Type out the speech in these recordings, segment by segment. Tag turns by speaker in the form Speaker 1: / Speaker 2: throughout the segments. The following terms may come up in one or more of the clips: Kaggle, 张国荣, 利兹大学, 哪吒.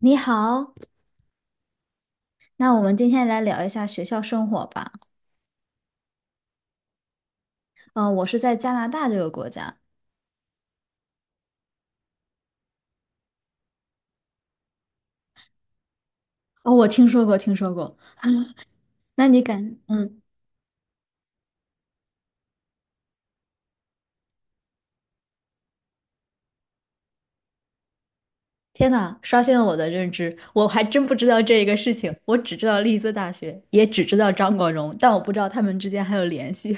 Speaker 1: 你好，那我们今天来聊一下学校生活吧。嗯，我是在加拿大这个国家。哦，我听说过，听说过。那你敢？嗯，天呐，刷新了我的认知，我还真不知道这一个事情。我只知道利兹大学，也只知道张国荣，但我不知道他们之间还有联系。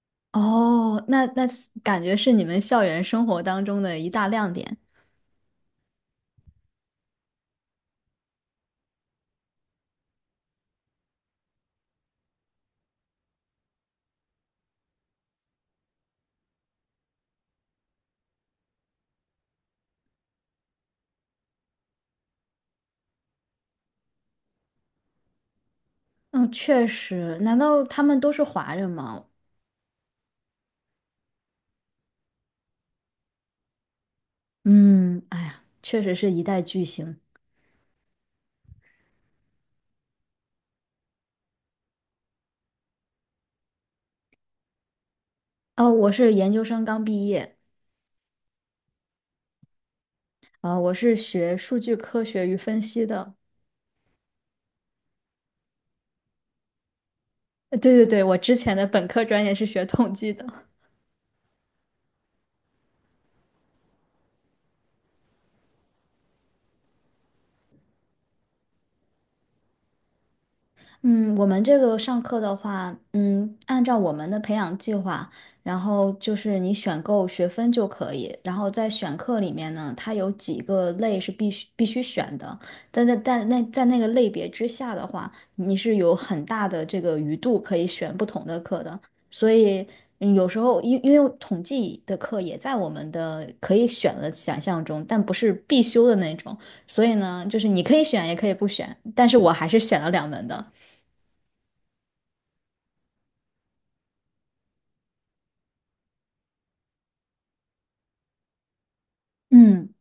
Speaker 1: 哦，那是感觉是你们校园生活当中的一大亮点。嗯，确实。难道他们都是华人吗？嗯，哎呀，确实是一代巨星。哦，我是研究生刚毕业。我是学数据科学与分析的。对对对，我之前的本科专业是学统计的。嗯，我们这个上课的话，嗯，按照我们的培养计划，然后就是你选购学分就可以，然后在选课里面呢，它有几个类是必须选的，但在但那在那个类别之下的话，你是有很大的这个余度可以选不同的课的，所以嗯有时候因为统计的课也在我们的可以选的选项中，但不是必修的那种，所以呢，就是你可以选也可以不选，但是我还是选了两门的。嗯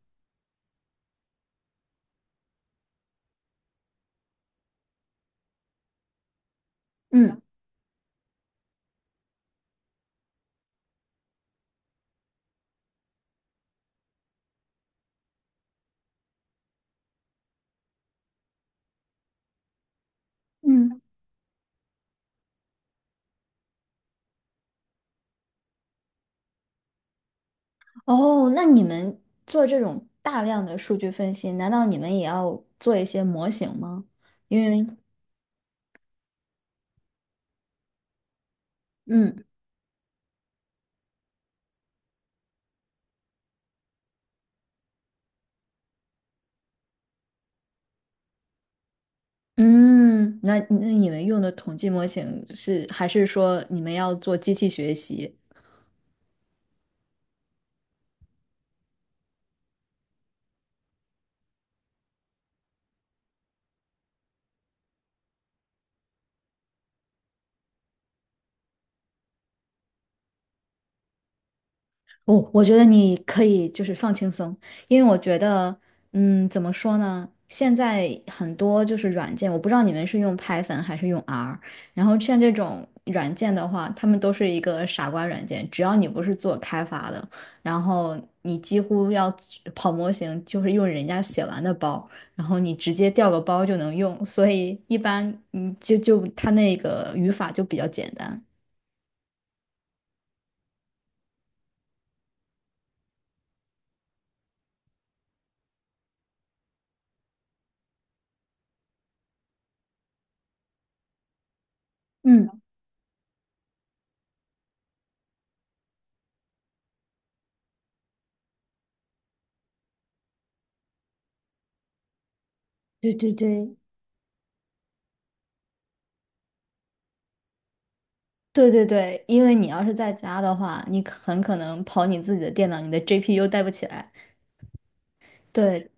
Speaker 1: 嗯嗯，哦，那你们做这种大量的数据分析，难道你们也要做一些模型吗？因为，嗯嗯，那那你们用的统计模型是，还是说你们要做机器学习？我我觉得你可以就是放轻松，因为我觉得，嗯，怎么说呢？现在很多就是软件，我不知道你们是用 Python 还是用 R,然后像这种软件的话，他们都是一个傻瓜软件，只要你不是做开发的，然后你几乎要跑模型，就是用人家写完的包，然后你直接调个包就能用，所以一般你就它那个语法就比较简单。嗯，对对对，对对对，因为你要是在家的话，你很可能跑你自己的电脑，你的 GPU 带不起来。对，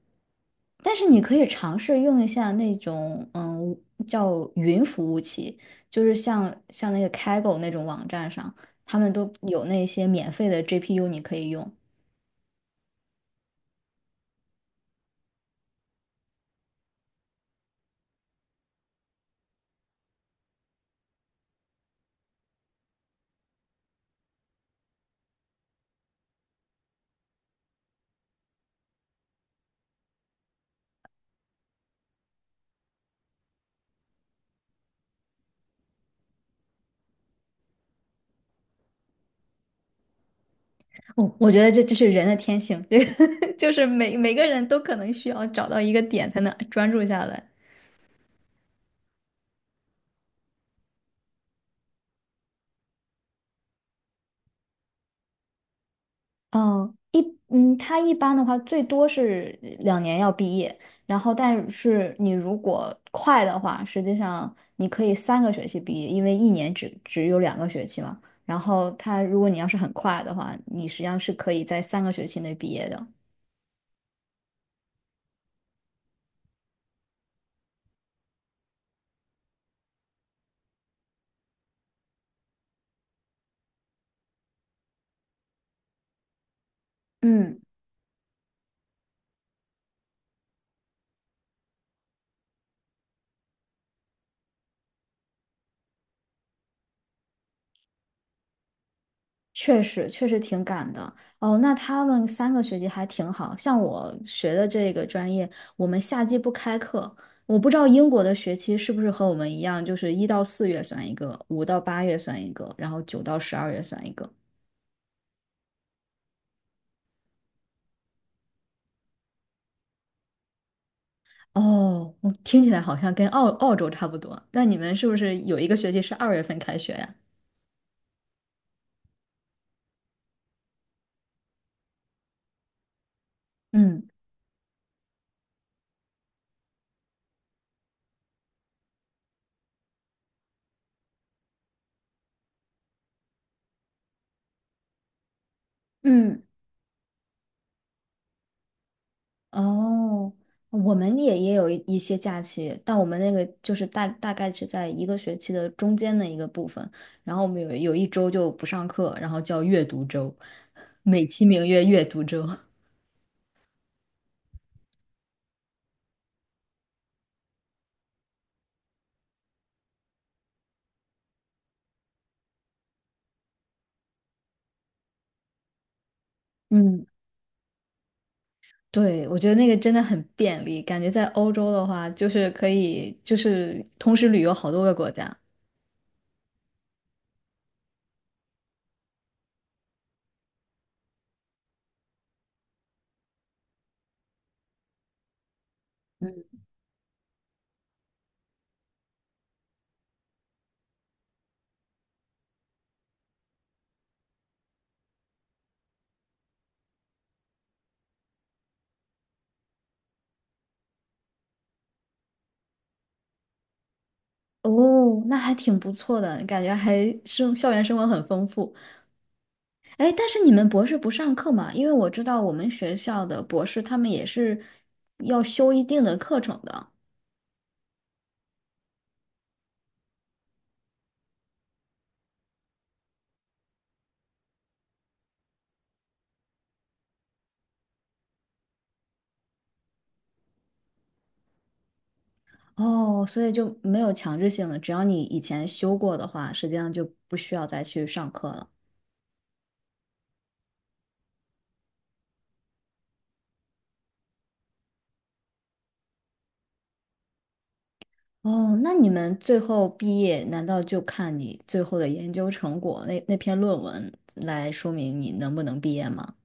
Speaker 1: 但是你可以尝试用一下那种叫云服务器，就是像那个 Kaggle 那种网站上，他们都有那些免费的 GPU 你可以用。我我觉得这就是人的天性，这个 就是每个人都可能需要找到一个点才能专注下来。嗯，一嗯，他一般的话最多是两年要毕业，然后但是你如果快的话，实际上你可以三个学期毕业，因为一年只有两个学期嘛。然后他如果你要是很快的话，你实际上是可以在三个学期内毕业的。嗯。确实，确实挺赶的哦。那他们三个学期还挺好，像我学的这个专业，我们夏季不开课。我不知道英国的学期是不是和我们一样，就是一到四月算一个，五到八月算一个，然后九到十二月算一个。哦，我听起来好像跟澳洲差不多。那你们是不是有一个学期是二月份开学呀？嗯。嗯。哦，我们也有一些假期，但我们那个就是大概是在一个学期的中间的一个部分，然后我们有一周就不上课，然后叫阅读周，美其名曰阅读周。嗯，对，我觉得那个真的很便利，感觉在欧洲的话，就是可以就是同时旅游好多个国家。嗯，哦，那还挺不错的，感觉还生校园生活很丰富。哎，但是你们博士不上课嘛？因为我知道我们学校的博士他们也是要修一定的课程的。哦，所以就没有强制性的，只要你以前修过的话，实际上就不需要再去上课了。哦，那你们最后毕业，难道就看你最后的研究成果那篇论文来说明你能不能毕业吗？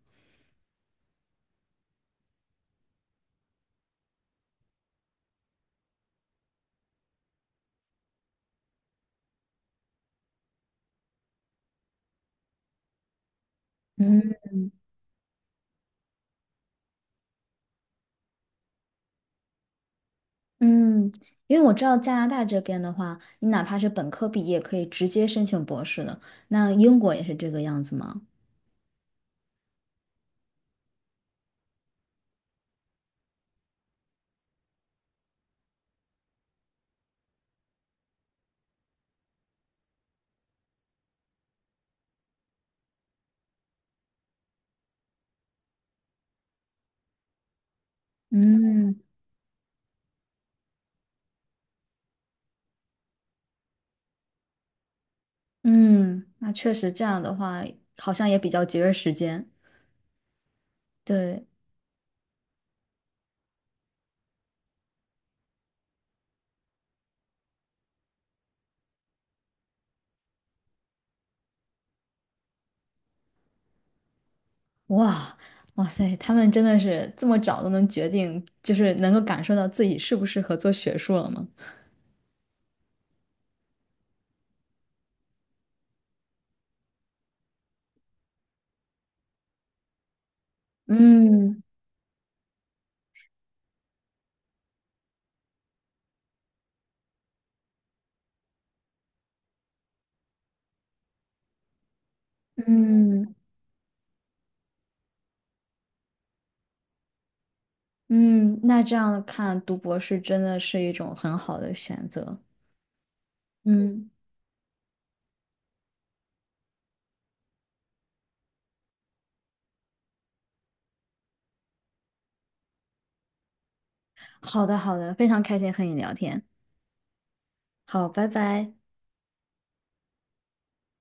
Speaker 1: 嗯嗯，因为我知道加拿大这边的话，你哪怕是本科毕业，可以直接申请博士的。那英国也是这个样子吗？嗯嗯，那确实这样的话，好像也比较节约时间。对，哇哇塞，他们真的是这么早都能决定，就是能够感受到自己适不适合做学术了吗？嗯嗯嗯，那这样看，读博士真的是一种很好的选择。嗯，好的好的，非常开心和你聊天。好，拜拜。